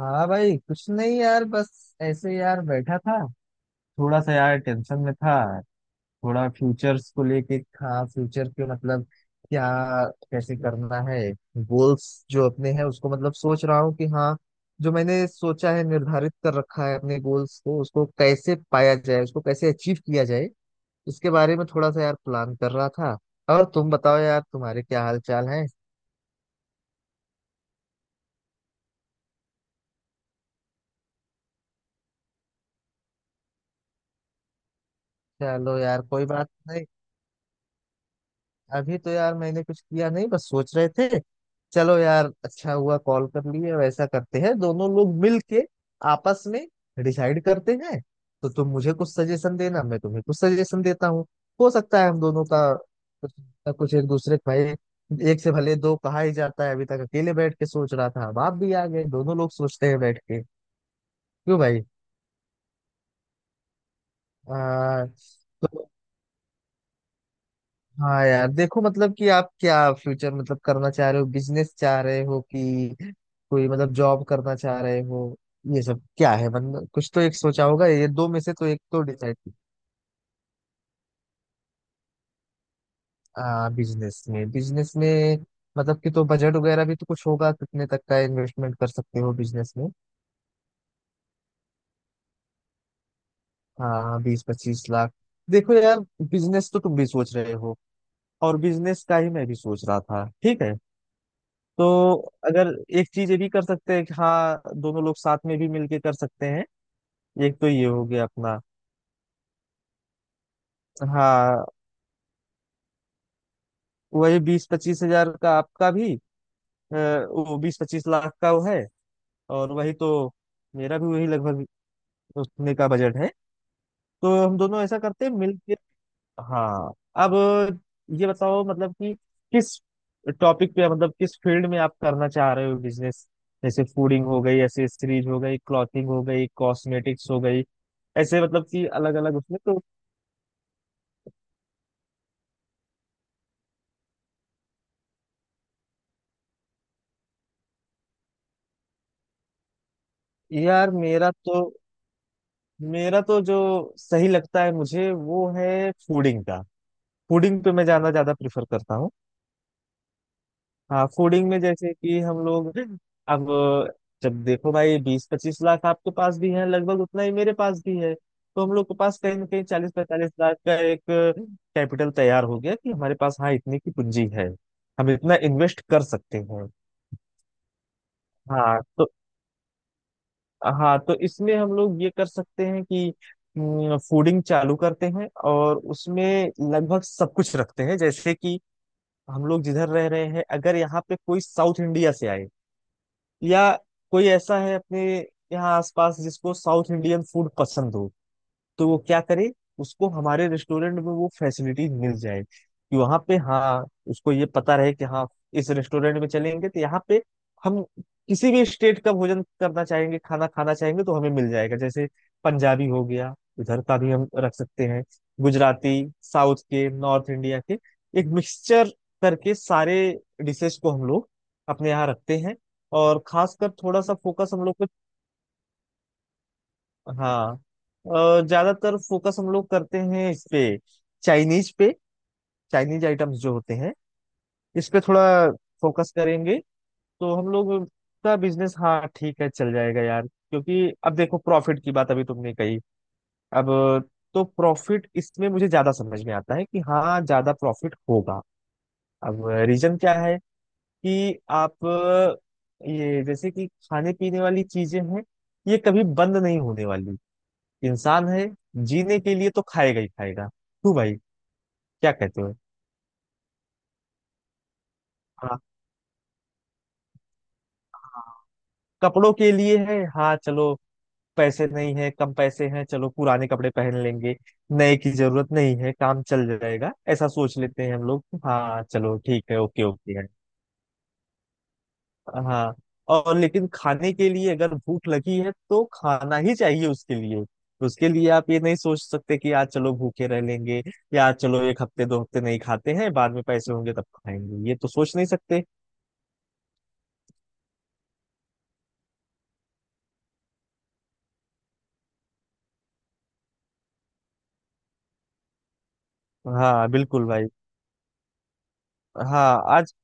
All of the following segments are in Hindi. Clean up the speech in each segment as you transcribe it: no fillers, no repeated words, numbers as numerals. हाँ भाई, कुछ नहीं यार, बस ऐसे यार बैठा था। थोड़ा सा यार टेंशन में था। थोड़ा फ्यूचर्स को लेके। हाँ, फ्यूचर के मतलब क्या, कैसे करना है। गोल्स जो अपने हैं उसको मतलब सोच रहा हूँ कि हाँ, जो मैंने सोचा है, निर्धारित कर रखा है अपने गोल्स को, उसको कैसे पाया जाए, उसको कैसे अचीव किया जाए, इसके बारे में थोड़ा सा यार प्लान कर रहा था। और तुम बताओ यार, तुम्हारे क्या हाल चाल है। चलो यार, कोई बात नहीं। अभी तो यार मैंने कुछ किया नहीं, बस सोच रहे थे। चलो यार, अच्छा हुआ कॉल कर लिए। वैसा करते हैं, दोनों लोग मिल के आपस में डिसाइड करते हैं। तो तुम मुझे कुछ सजेशन देना, मैं तुम्हें कुछ सजेशन देता हूँ। हो सकता है हम दोनों का कुछ ना कुछ एक दूसरे का। एक से भले दो कहा ही जाता है। अभी तक अकेले बैठ के सोच रहा था, अब आप भी आ गए, दोनों लोग सोचते हैं बैठ के। क्यों भाई? आ, तो हाँ यार, देखो, मतलब कि आप क्या फ्यूचर मतलब करना चाह रहे हो, बिजनेस चाह रहे हो कि कोई मतलब जॉब करना चाह रहे हो। ये सब क्या है मतलब? कुछ तो एक सोचा होगा, ये दो में से तो एक तो डिसाइड। हाँ, बिजनेस में बिजनेस में। मतलब कि तो बजट वगैरह भी तो कुछ होगा, कितने तक का इन्वेस्टमेंट कर सकते हो बिजनेस में? हाँ, 20-25 लाख। देखो यार, बिजनेस तो तुम भी सोच रहे हो और बिजनेस का ही मैं भी सोच रहा था, ठीक है। तो अगर एक चीज ये भी कर सकते हैं कि हाँ, दोनों लोग साथ में भी मिलके कर सकते हैं। एक तो ये हो गया अपना। हाँ, वही 20-25 हज़ार का आपका भी, वो 20-25 लाख का वो है, और वही तो मेरा भी वही लगभग उतने का बजट है। तो हम दोनों ऐसा करते हैं मिल। हाँ, अब ये बताओ मतलब कि किस टॉपिक पे मतलब किस फील्ड में आप करना चाह रहे हो बिजनेस? जैसे फूडिंग हो गई, एसेसरीज हो गई, क्लॉथिंग हो गई, कॉस्मेटिक्स हो गई, ऐसे मतलब कि अलग अलग उसमें तो। यार मेरा तो, जो सही लगता है मुझे, वो है फूडिंग का। फूडिंग पे मैं जाना ज्यादा प्रेफर करता हूँ। हाँ, फूडिंग में जैसे कि हम लोग, अब जब देखो भाई, 20-25 लाख आपके पास भी है, लगभग उतना ही मेरे पास भी है, तो हम लोग के पास कहीं ना कहीं 40-45 लाख का एक कैपिटल तैयार हो गया कि हमारे पास हाँ इतनी की पूंजी है, हम इतना इन्वेस्ट कर सकते हैं। हाँ तो हाँ तो इसमें हम लोग ये कर सकते हैं कि फूडिंग चालू करते हैं और उसमें लगभग सब कुछ रखते हैं। जैसे कि हम लोग जिधर रह रहे हैं, अगर यहाँ पे कोई साउथ इंडिया से आए, या कोई ऐसा है अपने यहाँ आसपास जिसको साउथ इंडियन फूड पसंद हो, तो वो क्या करे? उसको हमारे रेस्टोरेंट में वो फैसिलिटी मिल जाए कि वहां पे हाँ, उसको ये पता रहे कि हाँ, इस रेस्टोरेंट में चलेंगे तो यहाँ पे हम किसी भी स्टेट का भोजन करना चाहेंगे, खाना खाना चाहेंगे तो हमें मिल जाएगा। जैसे पंजाबी हो गया, इधर का भी हम रख सकते हैं, गुजराती, साउथ के, नॉर्थ इंडिया के, एक मिक्सचर करके सारे डिशेस को हम लोग अपने यहाँ रखते हैं। और खासकर थोड़ा सा फोकस हम लोग को, हाँ, और ज्यादातर फोकस हम लोग करते हैं इस पे, चाइनीज पे। चाइनीज आइटम्स जो होते हैं इस पे थोड़ा फोकस करेंगे, तो हम लोग का बिजनेस हाँ ठीक है चल जाएगा यार। क्योंकि अब देखो, प्रॉफिट की बात अभी तुमने कही। अब तो प्रॉफिट इसमें मुझे ज्यादा समझ में आता है कि हाँ, ज्यादा प्रॉफिट होगा। अब रीजन क्या है कि आप ये जैसे कि खाने पीने वाली चीजें हैं, ये कभी बंद नहीं होने वाली। इंसान है, जीने के लिए तो खाएगा ही खाएगा। क्यों भाई, क्या कहते हो? हाँ, हाँ। कपड़ों के लिए है हाँ, चलो पैसे नहीं है, कम पैसे हैं, चलो पुराने कपड़े पहन लेंगे, नए की जरूरत नहीं है, काम चल जाएगा, ऐसा सोच लेते हैं हम लोग। हाँ, चलो ठीक है, ओके ओके है। हाँ, और लेकिन खाने के लिए अगर भूख लगी है तो खाना ही चाहिए। उसके लिए, उसके लिए आप ये नहीं सोच सकते कि आज चलो भूखे रह लेंगे, या आज चलो एक हफ्ते दो हफ्ते नहीं खाते हैं, बाद में पैसे होंगे तब खाएंगे, ये तो सोच नहीं सकते। हाँ बिल्कुल भाई। हाँ आज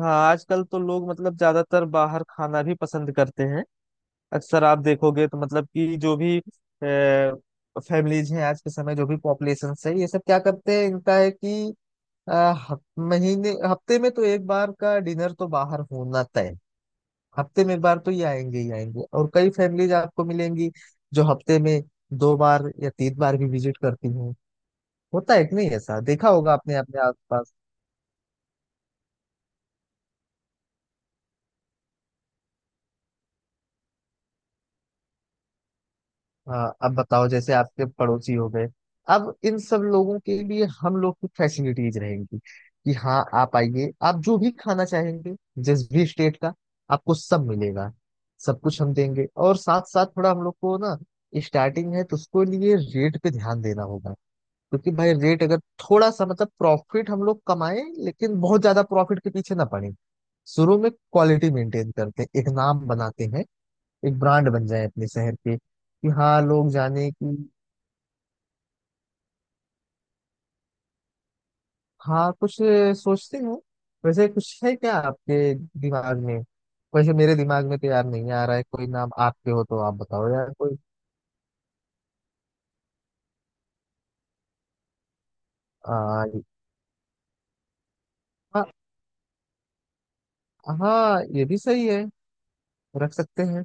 हाँ, आजकल तो लोग मतलब ज्यादातर बाहर खाना भी पसंद करते हैं। अक्सर आप देखोगे तो मतलब कि जो भी फैमिलीज हैं आज के समय, जो भी पॉपुलेशन है, ये सब क्या करते हैं, इनका है कि अ, हफ- महीने, हफ्ते में तो एक बार का डिनर तो बाहर होना तय है। हफ्ते में एक बार तो ये आएंगे ही आएंगे, और कई फैमिलीज आपको मिलेंगी जो हफ्ते में 2 बार या 3 बार भी विजिट करती हैं। होता है कि नहीं, ऐसा देखा होगा आपने अपने आसपास। हाँ, अब बताओ, जैसे आपके पड़ोसी हो गए, अब इन सब लोगों के लिए हम लोग की फैसिलिटीज रहेंगी कि हाँ आप आइए, आप जो भी खाना चाहेंगे, जिस भी स्टेट का, आपको सब मिलेगा, सब कुछ हम देंगे। और साथ साथ थोड़ा हम लोग को ना, स्टार्टिंग है तो उसको लिए रेट पे ध्यान देना होगा। क्योंकि भाई रेट अगर थोड़ा सा, मतलब प्रॉफिट हम लोग कमाएं लेकिन बहुत ज्यादा प्रॉफिट के पीछे ना पड़े। शुरू में क्वालिटी मेंटेन करते हैं, एक नाम बनाते हैं, एक ब्रांड बन जाए अपने शहर के कि हाँ लोग जाने कि। हाँ, कुछ सोचते हो? वैसे कुछ है क्या आपके दिमाग में? वैसे मेरे दिमाग में तो यार नहीं आ रहा है कोई नाम, आपके हो तो आप बताओ यार कोई। आ, हाँ, हाँ, ये भी सही है, रख सकते हैं।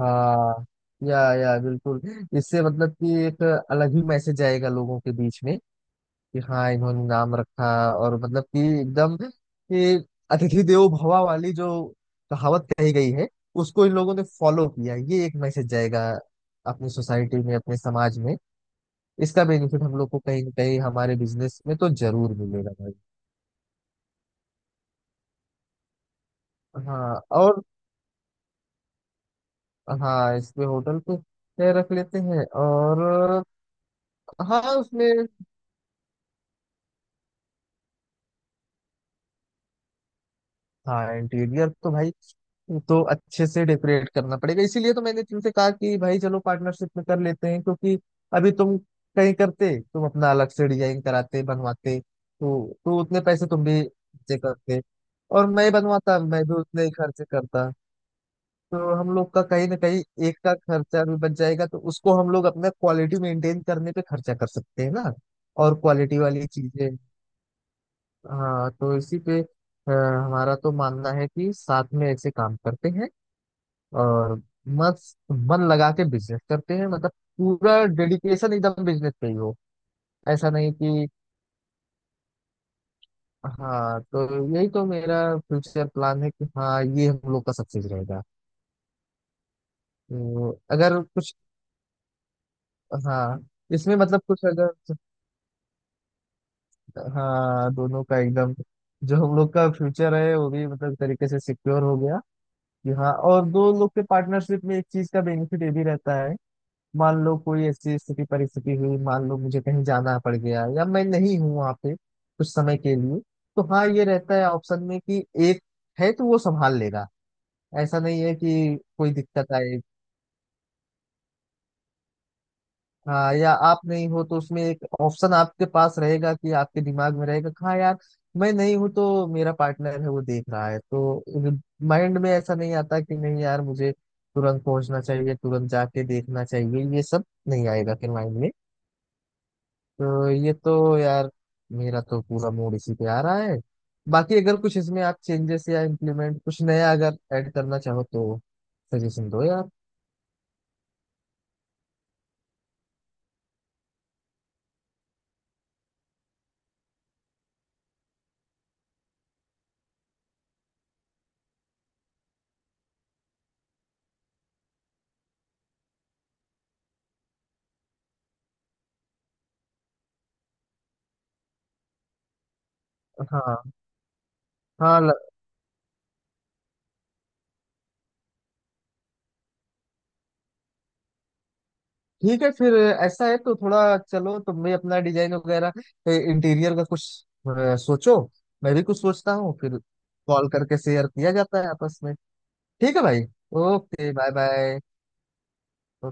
हाँ, या बिल्कुल। इससे मतलब कि एक अलग ही मैसेज आएगा लोगों के बीच में कि हाँ, इन्होंने नाम रखा, और मतलब कि एकदम कि अतिथि देवो भवा वाली जो कहावत कही गई है, उसको इन लोगों ने फॉलो किया, ये एक मैसेज जाएगा अपनी सोसाइटी में, अपने समाज में। इसका बेनिफिट हम लोग को कहीं ना कहीं हमारे बिजनेस में तो जरूर मिलेगा भाई। हाँ, और हाँ, इस पे होटल पे ये रख लेते हैं और। हाँ, उसमें हाँ, इंटीरियर तो भाई, तो अच्छे से डेकोरेट करना पड़ेगा। इसीलिए तो मैंने तुमसे कहा कि भाई चलो पार्टनरशिप में कर लेते हैं, क्योंकि अभी तुम कहीं करते, तुम अपना अलग से डिजाइन कराते बनवाते तो उतने पैसे तुम भी खर्चे करते, और मैं बनवाता मैं भी उतने ही खर्चे करता। तो हम लोग का कहीं ना कहीं एक का खर्चा भी बच जाएगा, तो उसको हम लोग अपना क्वालिटी मेंटेन करने पे खर्चा कर सकते हैं ना, और क्वालिटी वाली चीजें। हाँ, तो इसी पे हमारा तो मानना है कि साथ में ऐसे काम करते हैं, और मस्त मन लगा के बिजनेस करते हैं। मतलब पूरा डेडिकेशन एकदम बिजनेस पे ही हो, ऐसा नहीं कि। हाँ, तो यही तो मेरा फ्यूचर प्लान है कि हाँ, ये हम लोग का सक्सेस रहेगा। तो अगर कुछ, हाँ, इसमें मतलब कुछ अगर, हाँ, दोनों का एकदम, जो हम लोग का फ्यूचर है वो भी मतलब तरीके से सिक्योर हो गया कि हाँ। और दो लोग के पार्टनरशिप में एक चीज का बेनिफिट ये भी रहता है, मान लो कोई ऐसी स्थिति परिस्थिति हुई, मान लो मुझे कहीं जाना पड़ गया, या मैं नहीं हूँ वहां पे कुछ समय के लिए, तो हाँ, ये रहता है ऑप्शन में कि एक है तो वो संभाल लेगा, ऐसा नहीं है कि कोई दिक्कत आए। हाँ, या आप नहीं हो तो उसमें एक ऑप्शन आपके पास रहेगा, कि आपके दिमाग में रहेगा कि हाँ यार, मैं नहीं हूँ तो मेरा पार्टनर है, वो देख रहा है, तो माइंड में ऐसा नहीं आता कि नहीं यार मुझे तुरंत पहुंचना चाहिए, तुरंत जाके देखना चाहिए, ये सब नहीं आएगा फिर माइंड में। तो ये तो यार, मेरा तो पूरा मूड इसी पे आ रहा है। बाकी अगर कुछ इसमें आप चेंजेस या इम्प्लीमेंट कुछ नया अगर ऐड करना चाहो तो सजेशन दो यार। हाँ हाँ ल- ठीक है फिर। ऐसा है तो थोड़ा चलो, तुम भी अपना डिजाइन वगैरह इंटीरियर का कुछ सोचो, मैं भी कुछ सोचता हूँ, फिर कॉल करके शेयर किया जाता है आपस में। ठीक है भाई। Okay, bye bye.